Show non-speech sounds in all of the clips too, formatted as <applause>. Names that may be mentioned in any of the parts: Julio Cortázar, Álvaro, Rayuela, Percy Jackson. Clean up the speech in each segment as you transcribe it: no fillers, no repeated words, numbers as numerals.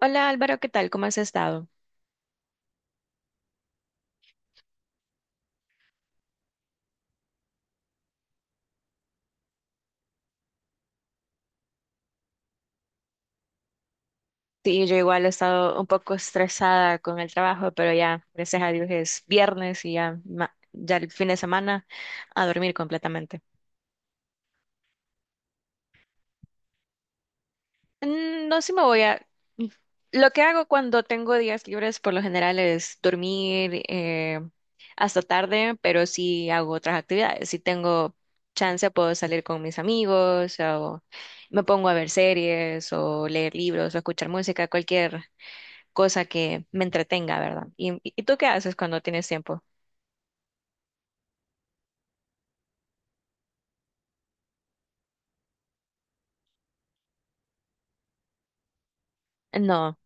Hola Álvaro, ¿qué tal? ¿Cómo has estado? Sí, yo igual he estado un poco estresada con el trabajo, pero ya, gracias a Dios es viernes y ya, ya el fin de semana a dormir completamente. No, sí me voy a... mm, Lo que hago cuando tengo días libres por lo general es dormir hasta tarde, pero sí hago otras actividades. Si tengo chance puedo salir con mis amigos o me pongo a ver series o leer libros o escuchar música, cualquier cosa que me entretenga, ¿verdad? ¿Y, tú qué haces cuando tienes tiempo? No.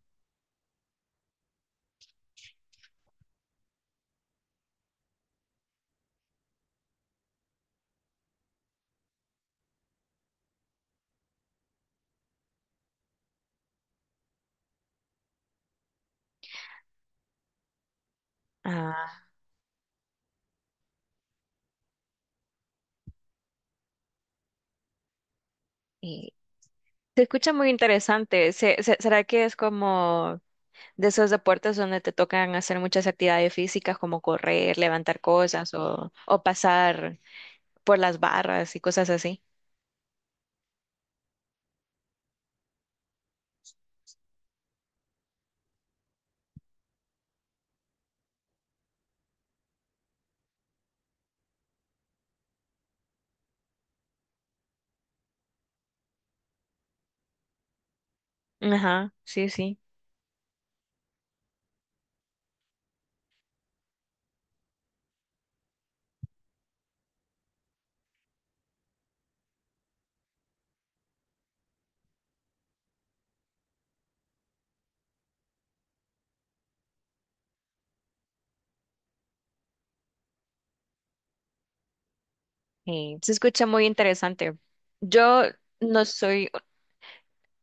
Ah, y se escucha muy interesante. ¿Será que es como de esos deportes donde te tocan hacer muchas actividades físicas como correr, levantar cosas o pasar por las barras y cosas así? Ajá, sí, sí. Y se escucha muy interesante. Yo no soy,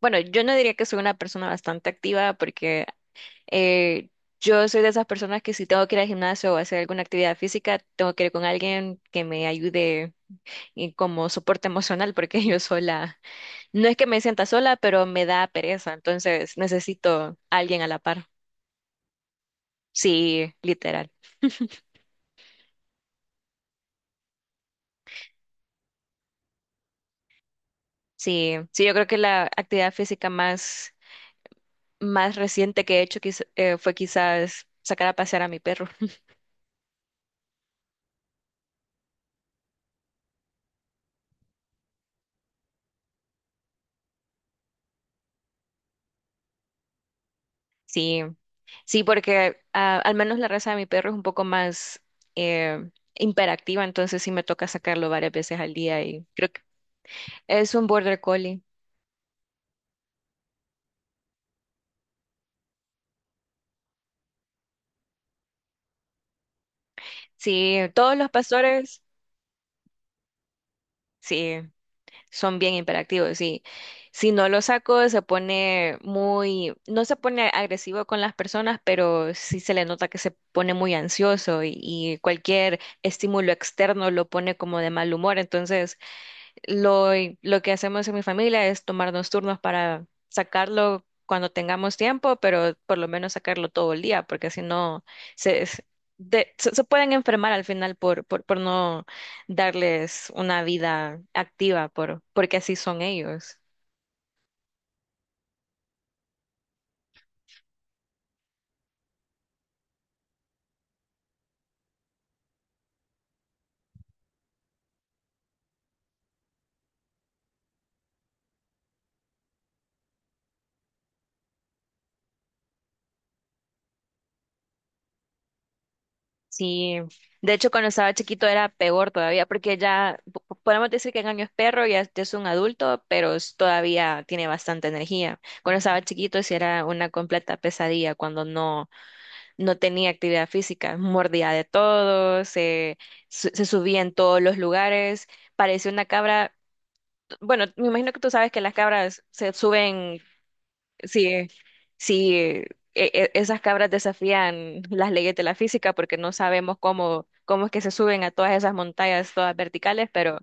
bueno, yo no diría que soy una persona bastante activa porque Eh, yo soy de esas personas que si tengo que ir al gimnasio o hacer alguna actividad física, tengo que ir con alguien que me ayude y como soporte emocional, porque <laughs> yo sola, no es que me sienta sola, pero me da pereza, entonces necesito a alguien a la par. Sí, literal. Sí, sí, yo creo que la actividad física más reciente que he hecho fue quizás sacar a pasear a mi perro. Sí. Sí, porque ah, al menos la raza de mi perro es un poco más imperactiva, entonces sí me toca sacarlo varias veces al día y creo que es un border collie. Sí, todos los pastores, sí, son bien imperactivos, sí. Si no lo saco, se pone muy, no se pone agresivo con las personas, pero sí se le nota que se pone muy ansioso y, cualquier estímulo externo lo pone como de mal humor, entonces Lo, lo que hacemos en mi familia es tomarnos turnos para sacarlo cuando tengamos tiempo, pero por lo menos sacarlo todo el día, porque si no, se, se, se pueden enfermar al final por no darles una vida activa, porque así son ellos. Sí, de hecho cuando estaba chiquito era peor todavía, porque ya podemos decir que Engaño es perro, ya es un adulto, pero todavía tiene bastante energía. Cuando estaba chiquito sí era una completa pesadilla cuando no tenía actividad física, mordía de todo, se subía en todos los lugares, parecía una cabra. Bueno, me imagino que tú sabes que las cabras se suben, si, si eh, esas cabras desafían las leyes de la física, porque no sabemos cómo es que se suben a todas esas montañas, todas verticales, pero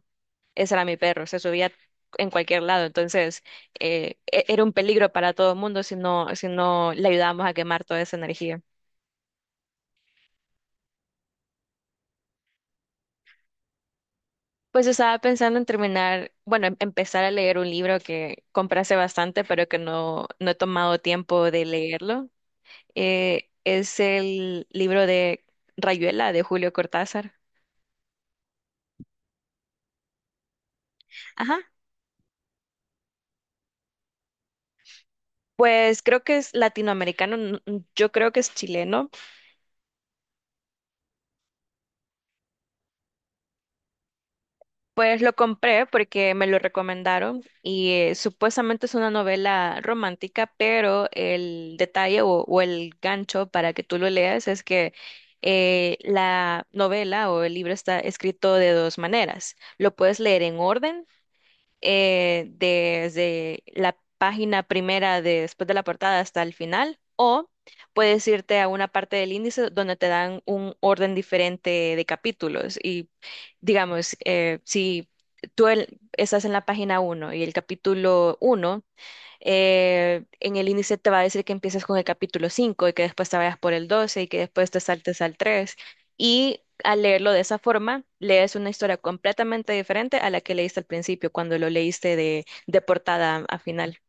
ese era mi perro, se subía en cualquier lado, entonces era un peligro para todo el mundo si si no le ayudábamos a quemar toda esa energía. Pues estaba pensando en terminar, bueno, empezar a leer un libro que compré hace bastante, pero que no he tomado tiempo de leerlo. Es el libro de Rayuela, de Julio Cortázar. Ajá. Pues creo que es latinoamericano, yo creo que es chileno. Pues lo compré porque me lo recomendaron y supuestamente es una novela romántica, pero el detalle o el gancho para que tú lo leas es que la novela o el libro está escrito de dos maneras. Lo puedes leer en orden desde la página primera después de la portada hasta el final, o puedes irte a una parte del índice donde te dan un orden diferente de capítulos. Y digamos, si tú estás en la página uno y el capítulo uno, en el índice te va a decir que empieces con el capítulo 5 y que después te vayas por el 12 y que después te saltes al tres. Y al leerlo de esa forma, lees una historia completamente diferente a la que leíste al principio cuando lo leíste de portada a final.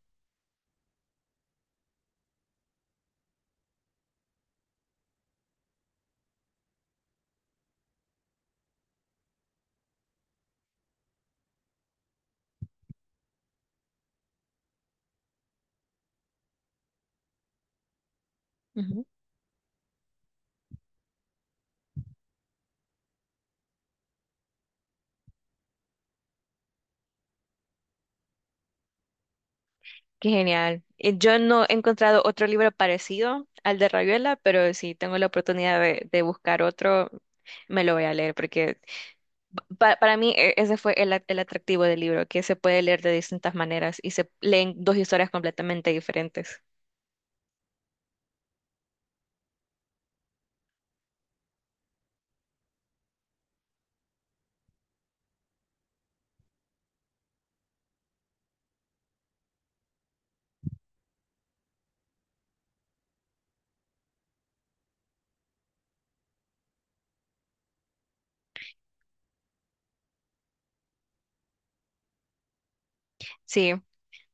Ujú. Qué genial. Yo no he encontrado otro libro parecido al de Rayuela, pero si tengo la oportunidad de buscar otro, me lo voy a leer porque para mí ese fue el atractivo del libro, que se puede leer de distintas maneras y se leen dos historias completamente diferentes. Sí,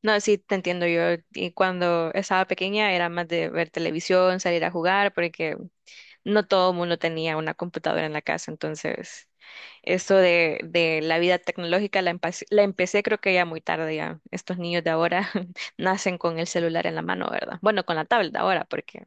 no, sí, te entiendo yo. Y cuando estaba pequeña era más de ver televisión, salir a jugar, porque no todo el mundo tenía una computadora en la casa. Entonces, eso de la vida tecnológica la empecé creo que ya muy tarde ya. Estos niños de ahora <laughs> nacen con el celular en la mano, ¿verdad? Bueno, con la tablet ahora, porque...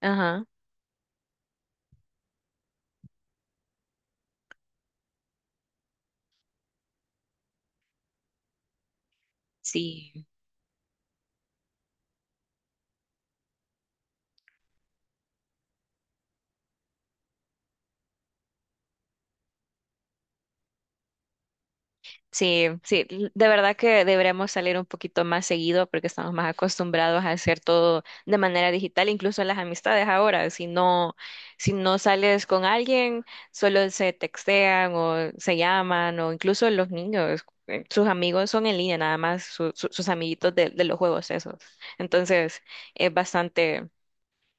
Ajá, sí. Sí, sí, de verdad que deberíamos salir un poquito más seguido porque estamos más acostumbrados a hacer todo de manera digital, incluso las amistades ahora. Si no, si no sales con alguien, solo se textean o se llaman o incluso los niños, sus amigos son en línea nada más, sus amiguitos de los juegos esos. Entonces, es bastante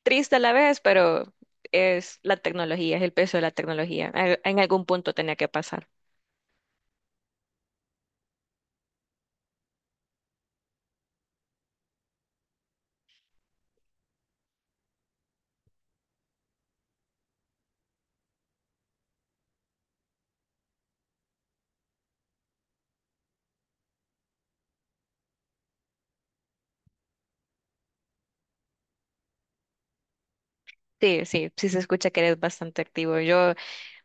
triste a la vez, pero es la tecnología, es el peso de la tecnología. En algún punto tenía que pasar. Sí, sí, sí se escucha que eres bastante activo. Yo,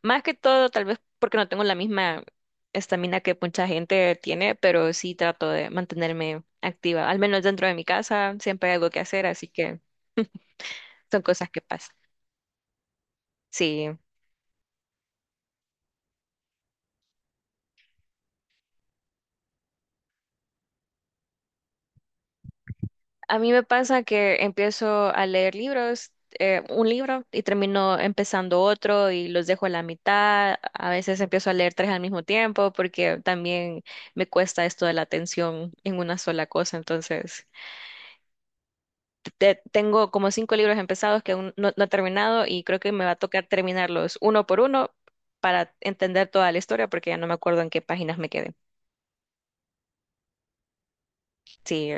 más que todo, tal vez porque no tengo la misma estamina que mucha gente tiene, pero sí trato de mantenerme activa. Al menos dentro de mi casa siempre hay algo que hacer, así que son cosas que pasan. Sí, a mí me pasa que empiezo a leer libros, un libro, y termino empezando otro y los dejo a la mitad. A veces empiezo a leer tres al mismo tiempo porque también me cuesta esto de la atención en una sola cosa, entonces... tengo como cinco libros empezados que aún no he terminado y creo que me va a tocar terminarlos uno por uno para entender toda la historia porque ya no me acuerdo en qué páginas me quedé. Sí,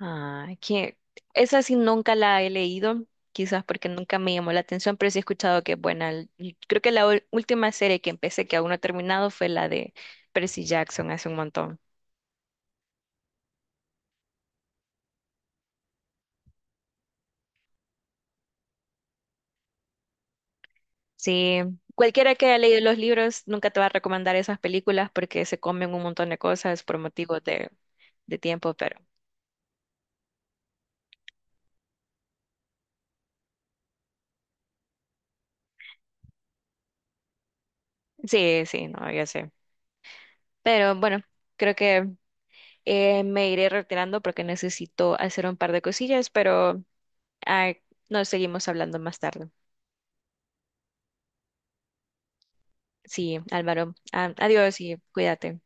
ah, que esa sí nunca la he leído, quizás porque nunca me llamó la atención, pero sí he escuchado que es buena. Creo que la última serie que empecé que aún no he terminado fue la de Percy Jackson hace un montón. Sí, cualquiera que haya leído los libros nunca te va a recomendar esas películas porque se comen un montón de cosas por motivos de tiempo, pero sí, sí, no, ya sé. Pero bueno, creo que me iré retirando porque necesito hacer un par de cosillas, pero ah, nos seguimos hablando más tarde. Sí, Álvaro, ah, adiós y cuídate.